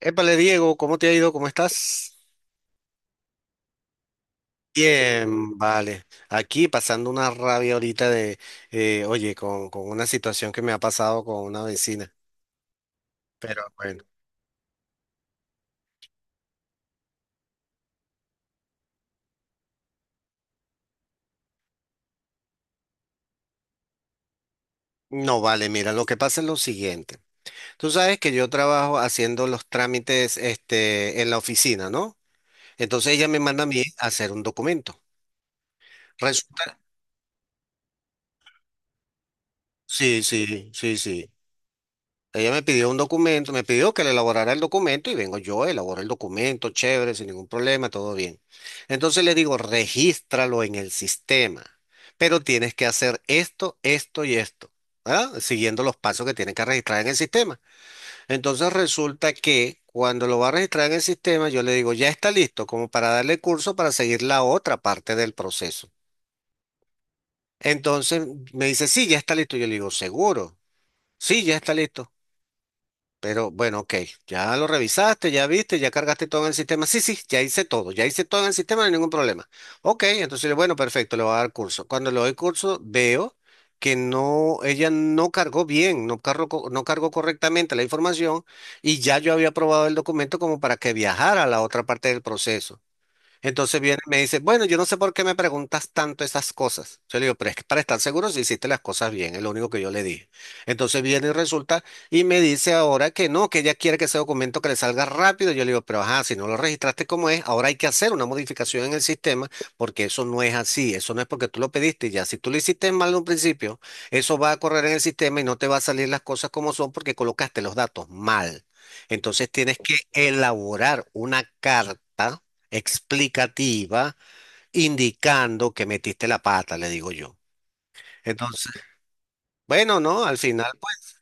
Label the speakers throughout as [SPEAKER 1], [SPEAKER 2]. [SPEAKER 1] Épale, Diego, ¿cómo te ha ido? ¿Cómo estás? Bien, vale. Aquí pasando una rabia ahorita de, oye, con una situación que me ha pasado con una vecina. Pero bueno, no vale, mira, lo que pasa es lo siguiente. Tú sabes que yo trabajo haciendo los trámites, este, en la oficina, ¿no? Entonces ella me manda a mí a hacer un documento. Resulta, sí, sí, sí, sí. Ella me pidió un documento, me pidió que le elaborara el documento y vengo yo, elaboro el documento, chévere, sin ningún problema, todo bien. Entonces le digo, regístralo en el sistema, pero tienes que hacer esto, esto y esto, ¿verdad? Siguiendo los pasos que tienen que registrar en el sistema. Entonces resulta que cuando lo va a registrar en el sistema, yo le digo, ya está listo, como para darle curso para seguir la otra parte del proceso. Entonces me dice, sí, ya está listo. Yo le digo, seguro, sí, ya está listo. Pero bueno, ok, ya lo revisaste, ya viste, ya cargaste todo en el sistema. Sí, sí, ya hice todo en el sistema, no hay ningún problema. Ok, entonces, bueno, perfecto, le voy a dar curso. Cuando le doy curso, veo que no, ella no cargó bien, no cargó, no cargó correctamente la información y ya yo había aprobado el documento como para que viajara a la otra parte del proceso. Entonces viene y me dice, bueno, yo no sé por qué me preguntas tanto esas cosas. Yo le digo, pero es que para estar seguro si hiciste las cosas bien, es lo único que yo le dije. Entonces viene y resulta y me dice ahora que no, que ella quiere que ese documento que le salga rápido. Yo le digo, pero ajá, si no lo registraste como es, ahora hay que hacer una modificación en el sistema porque eso no es así, eso no es porque tú lo pediste y ya. Si tú lo hiciste mal en un principio, eso va a correr en el sistema y no te va a salir las cosas como son porque colocaste los datos mal. Entonces tienes que elaborar una carta explicativa indicando que metiste la pata, le digo yo. Entonces, bueno, no, al final, pues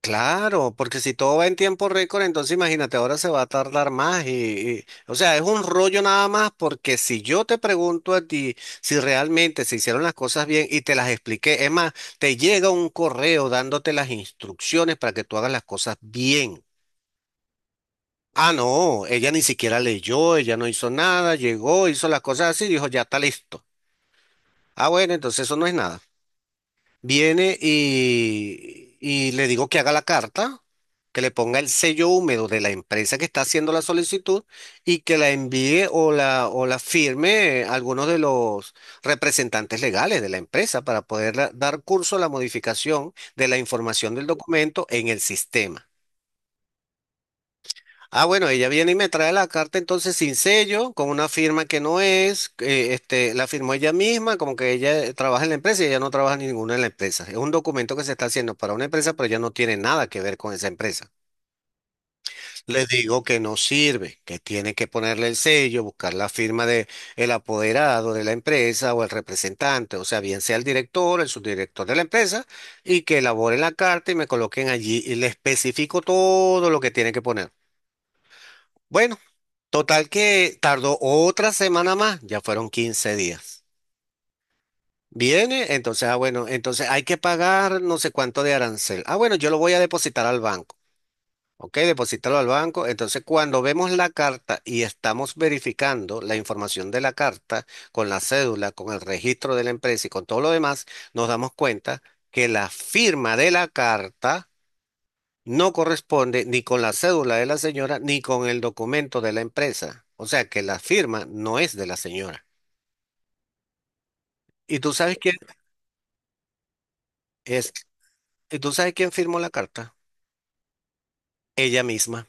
[SPEAKER 1] claro, porque si todo va en tiempo récord, entonces imagínate, ahora se va a tardar más o sea, es un rollo nada más porque si yo te pregunto a ti si realmente se hicieron las cosas bien y te las expliqué, es más, te llega un correo dándote las instrucciones para que tú hagas las cosas bien. Ah, no, ella ni siquiera leyó, ella no hizo nada, llegó, hizo las cosas así, dijo, ya está listo. Ah, bueno, entonces eso no es nada. Viene y le digo que haga la carta, que le ponga el sello húmedo de la empresa que está haciendo la solicitud y que la envíe o o la firme algunos de los representantes legales de la empresa para poder dar curso a la modificación de la información del documento en el sistema. Ah, bueno, ella viene y me trae la carta entonces sin sello, con una firma que no es, este, la firmó ella misma, como que ella trabaja en la empresa y ella no trabaja ninguna en la empresa. Es un documento que se está haciendo para una empresa, pero ella no tiene nada que ver con esa empresa. Le digo que no sirve, que tiene que ponerle el sello, buscar la firma de el apoderado de la empresa o el representante, o sea, bien sea el director, el subdirector de la empresa, y que elabore la carta y me coloquen allí y le especifico todo lo que tiene que poner. Bueno. Total que tardó otra semana más, ya fueron 15 días. Viene, entonces, ah, bueno, entonces hay que pagar no sé cuánto de arancel. Ah, bueno, yo lo voy a depositar al banco. Ok, depositarlo al banco. Entonces, cuando vemos la carta y estamos verificando la información de la carta con la cédula, con el registro de la empresa y con todo lo demás, nos damos cuenta que la firma de la carta no corresponde ni con la cédula de la señora ni con el documento de la empresa. O sea que la firma no es de la señora. ¿Y tú sabes quién es? ¿Y tú sabes quién firmó la carta? Ella misma.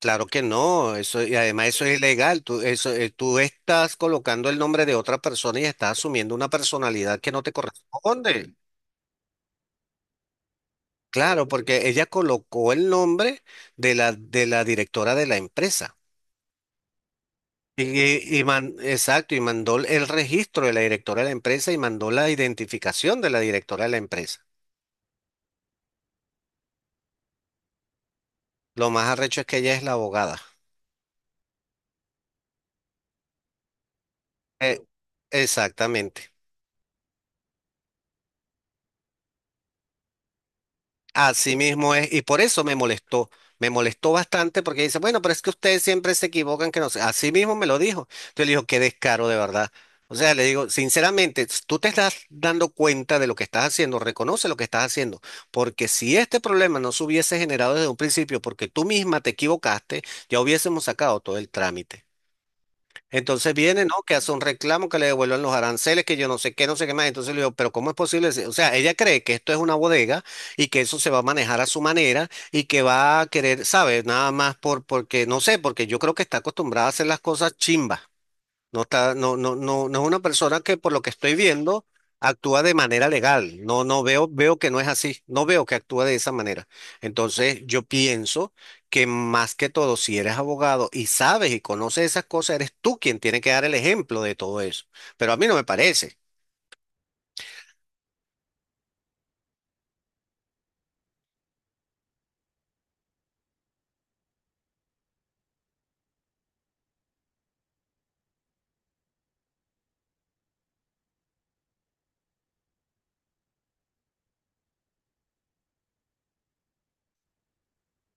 [SPEAKER 1] Claro que no, eso, y además eso es ilegal. Tú, eso, tú estás colocando el nombre de otra persona y estás asumiendo una personalidad que no te corresponde. Claro, porque ella colocó el nombre de la directora de la empresa. Exacto, y mandó el registro de la directora de la empresa y mandó la identificación de la directora de la empresa. Lo más arrecho es que ella es la abogada. Eh, exactamente. Así mismo es, y por eso me molestó bastante porque dice, bueno, pero es que ustedes siempre se equivocan, que no sé, así mismo me lo dijo. Entonces le digo, qué descaro de verdad. O sea, le digo, sinceramente, tú te estás dando cuenta de lo que estás haciendo, reconoce lo que estás haciendo, porque si este problema no se hubiese generado desde un principio, porque tú misma te equivocaste, ya hubiésemos sacado todo el trámite. Entonces viene, ¿no? Que hace un reclamo que le devuelvan los aranceles, que yo no sé qué, no sé qué más. Entonces le digo, pero ¿cómo es posible? O sea, ella cree que esto es una bodega y que eso se va a manejar a su manera y que va a querer, ¿sabes? Nada más porque, no sé, porque yo creo que está acostumbrada a hacer las cosas chimbas. No está, no, no, no, no es una persona que por lo que estoy viendo actúa de manera legal. No, no veo, veo que no es así. No veo que actúa de esa manera. Entonces, yo pienso que más que todo, si eres abogado y sabes y conoces esas cosas, eres tú quien tiene que dar el ejemplo de todo eso. Pero a mí no me parece.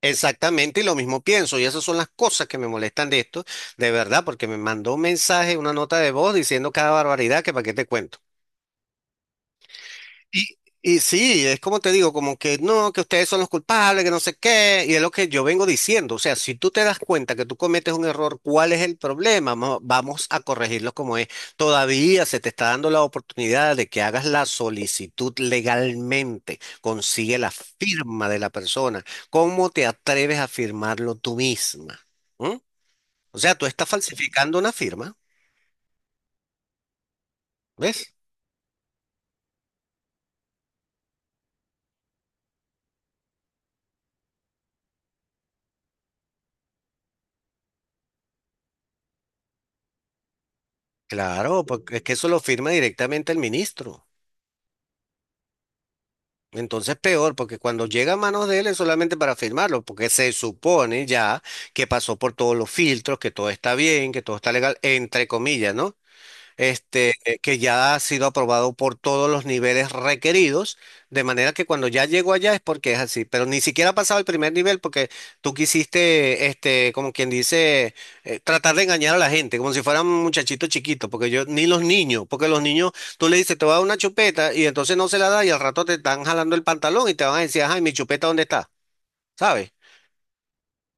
[SPEAKER 1] Exactamente, y lo mismo pienso, y esas son las cosas que me molestan de esto, de verdad, porque me mandó un mensaje, una nota de voz diciendo cada barbaridad que para qué te cuento. Y, y sí, es como te digo, como que no, que ustedes son los culpables, que no sé qué, y es lo que yo vengo diciendo. O sea, si tú te das cuenta que tú cometes un error, ¿cuál es el problema? Vamos a corregirlo como es. Todavía se te está dando la oportunidad de que hagas la solicitud legalmente, consigue la firma de la persona. ¿Cómo te atreves a firmarlo tú misma? ¿Mm? O sea, tú estás falsificando una firma, ¿ves? Claro, porque es que eso lo firma directamente el ministro. Entonces peor, porque cuando llega a manos de él es solamente para firmarlo, porque se supone ya que pasó por todos los filtros, que todo está bien, que todo está legal, entre comillas, ¿no? Este, que ya ha sido aprobado por todos los niveles requeridos, de manera que cuando ya llego allá es porque es así, pero ni siquiera ha pasado el primer nivel porque tú quisiste, este, como quien dice, tratar de engañar a la gente, como si fueran muchachitos chiquitos, porque yo, ni los niños, porque los niños, tú le dices, te voy a dar una chupeta y entonces no se la da y al rato te están jalando el pantalón y te van a decir, ay, mi chupeta, ¿dónde está? ¿Sabes?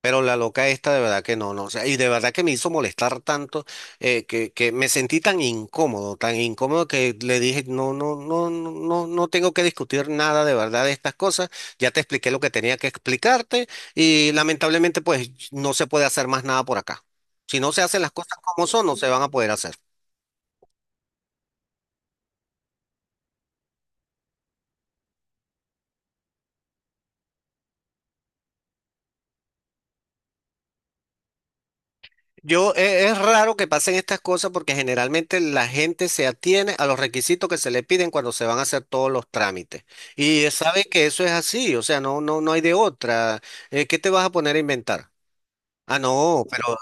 [SPEAKER 1] Pero la loca esta de verdad que no, no, o sea, y de verdad que me hizo molestar tanto que me sentí tan incómodo que le dije, no, no, no, no, no no tengo que discutir nada de verdad de estas cosas, ya te expliqué lo que tenía que explicarte y lamentablemente pues no se puede hacer más nada por acá. Si no se hacen las cosas como son, no se van a poder hacer. Yo, es raro que pasen estas cosas porque generalmente la gente se atiene a los requisitos que se le piden cuando se van a hacer todos los trámites. Y sabe que eso es así, o sea, no, no, no hay de otra. ¿Qué te vas a poner a inventar? Ah, no, pero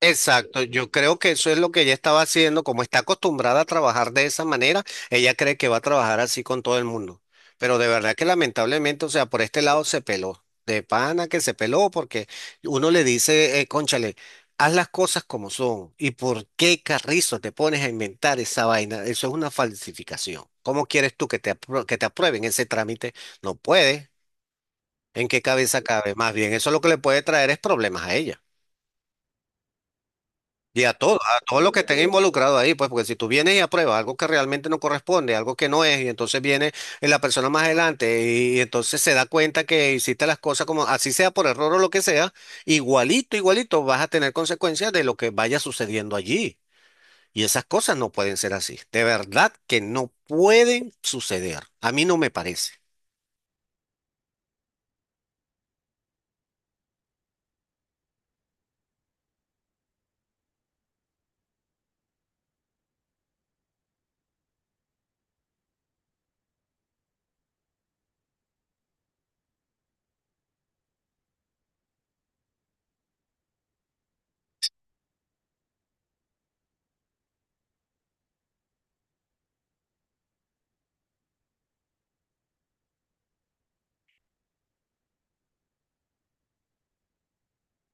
[SPEAKER 1] exacto, yo creo que eso es lo que ella estaba haciendo, como está acostumbrada a trabajar de esa manera, ella cree que va a trabajar así con todo el mundo. Pero de verdad que lamentablemente, o sea, por este lado se peló, de pana que se peló, porque uno le dice, cónchale, haz las cosas como son, ¿y por qué carrizo te pones a inventar esa vaina? Eso es una falsificación. ¿Cómo quieres tú que te, que te aprueben ese trámite? No puede. ¿En qué cabeza cabe? Más bien, eso lo que le puede traer es problemas a ella. Y a todo lo que estén involucrado ahí, pues, porque si tú vienes y apruebas algo que realmente no corresponde, algo que no es, y entonces viene la persona más adelante y entonces se da cuenta que hiciste las cosas como así sea por error o lo que sea, igualito, igualito vas a tener consecuencias de lo que vaya sucediendo allí. Y esas cosas no pueden ser así. De verdad que no pueden suceder. A mí no me parece.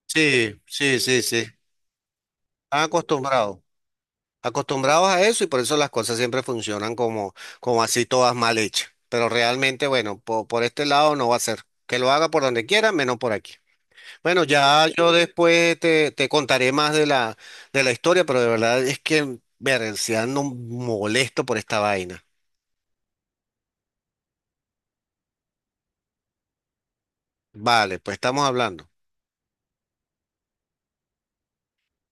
[SPEAKER 1] Sí, sí, sí, sí. Están acostumbrados. Acostumbrados a eso y por eso las cosas siempre funcionan como, como así todas mal hechas. Pero realmente, bueno, por este lado no va a ser. Que lo haga por donde quiera, menos por aquí. Bueno, ya yo después te contaré más de la historia, pero de verdad es que, ver, si ando molesto por esta vaina. Vale, pues estamos hablando.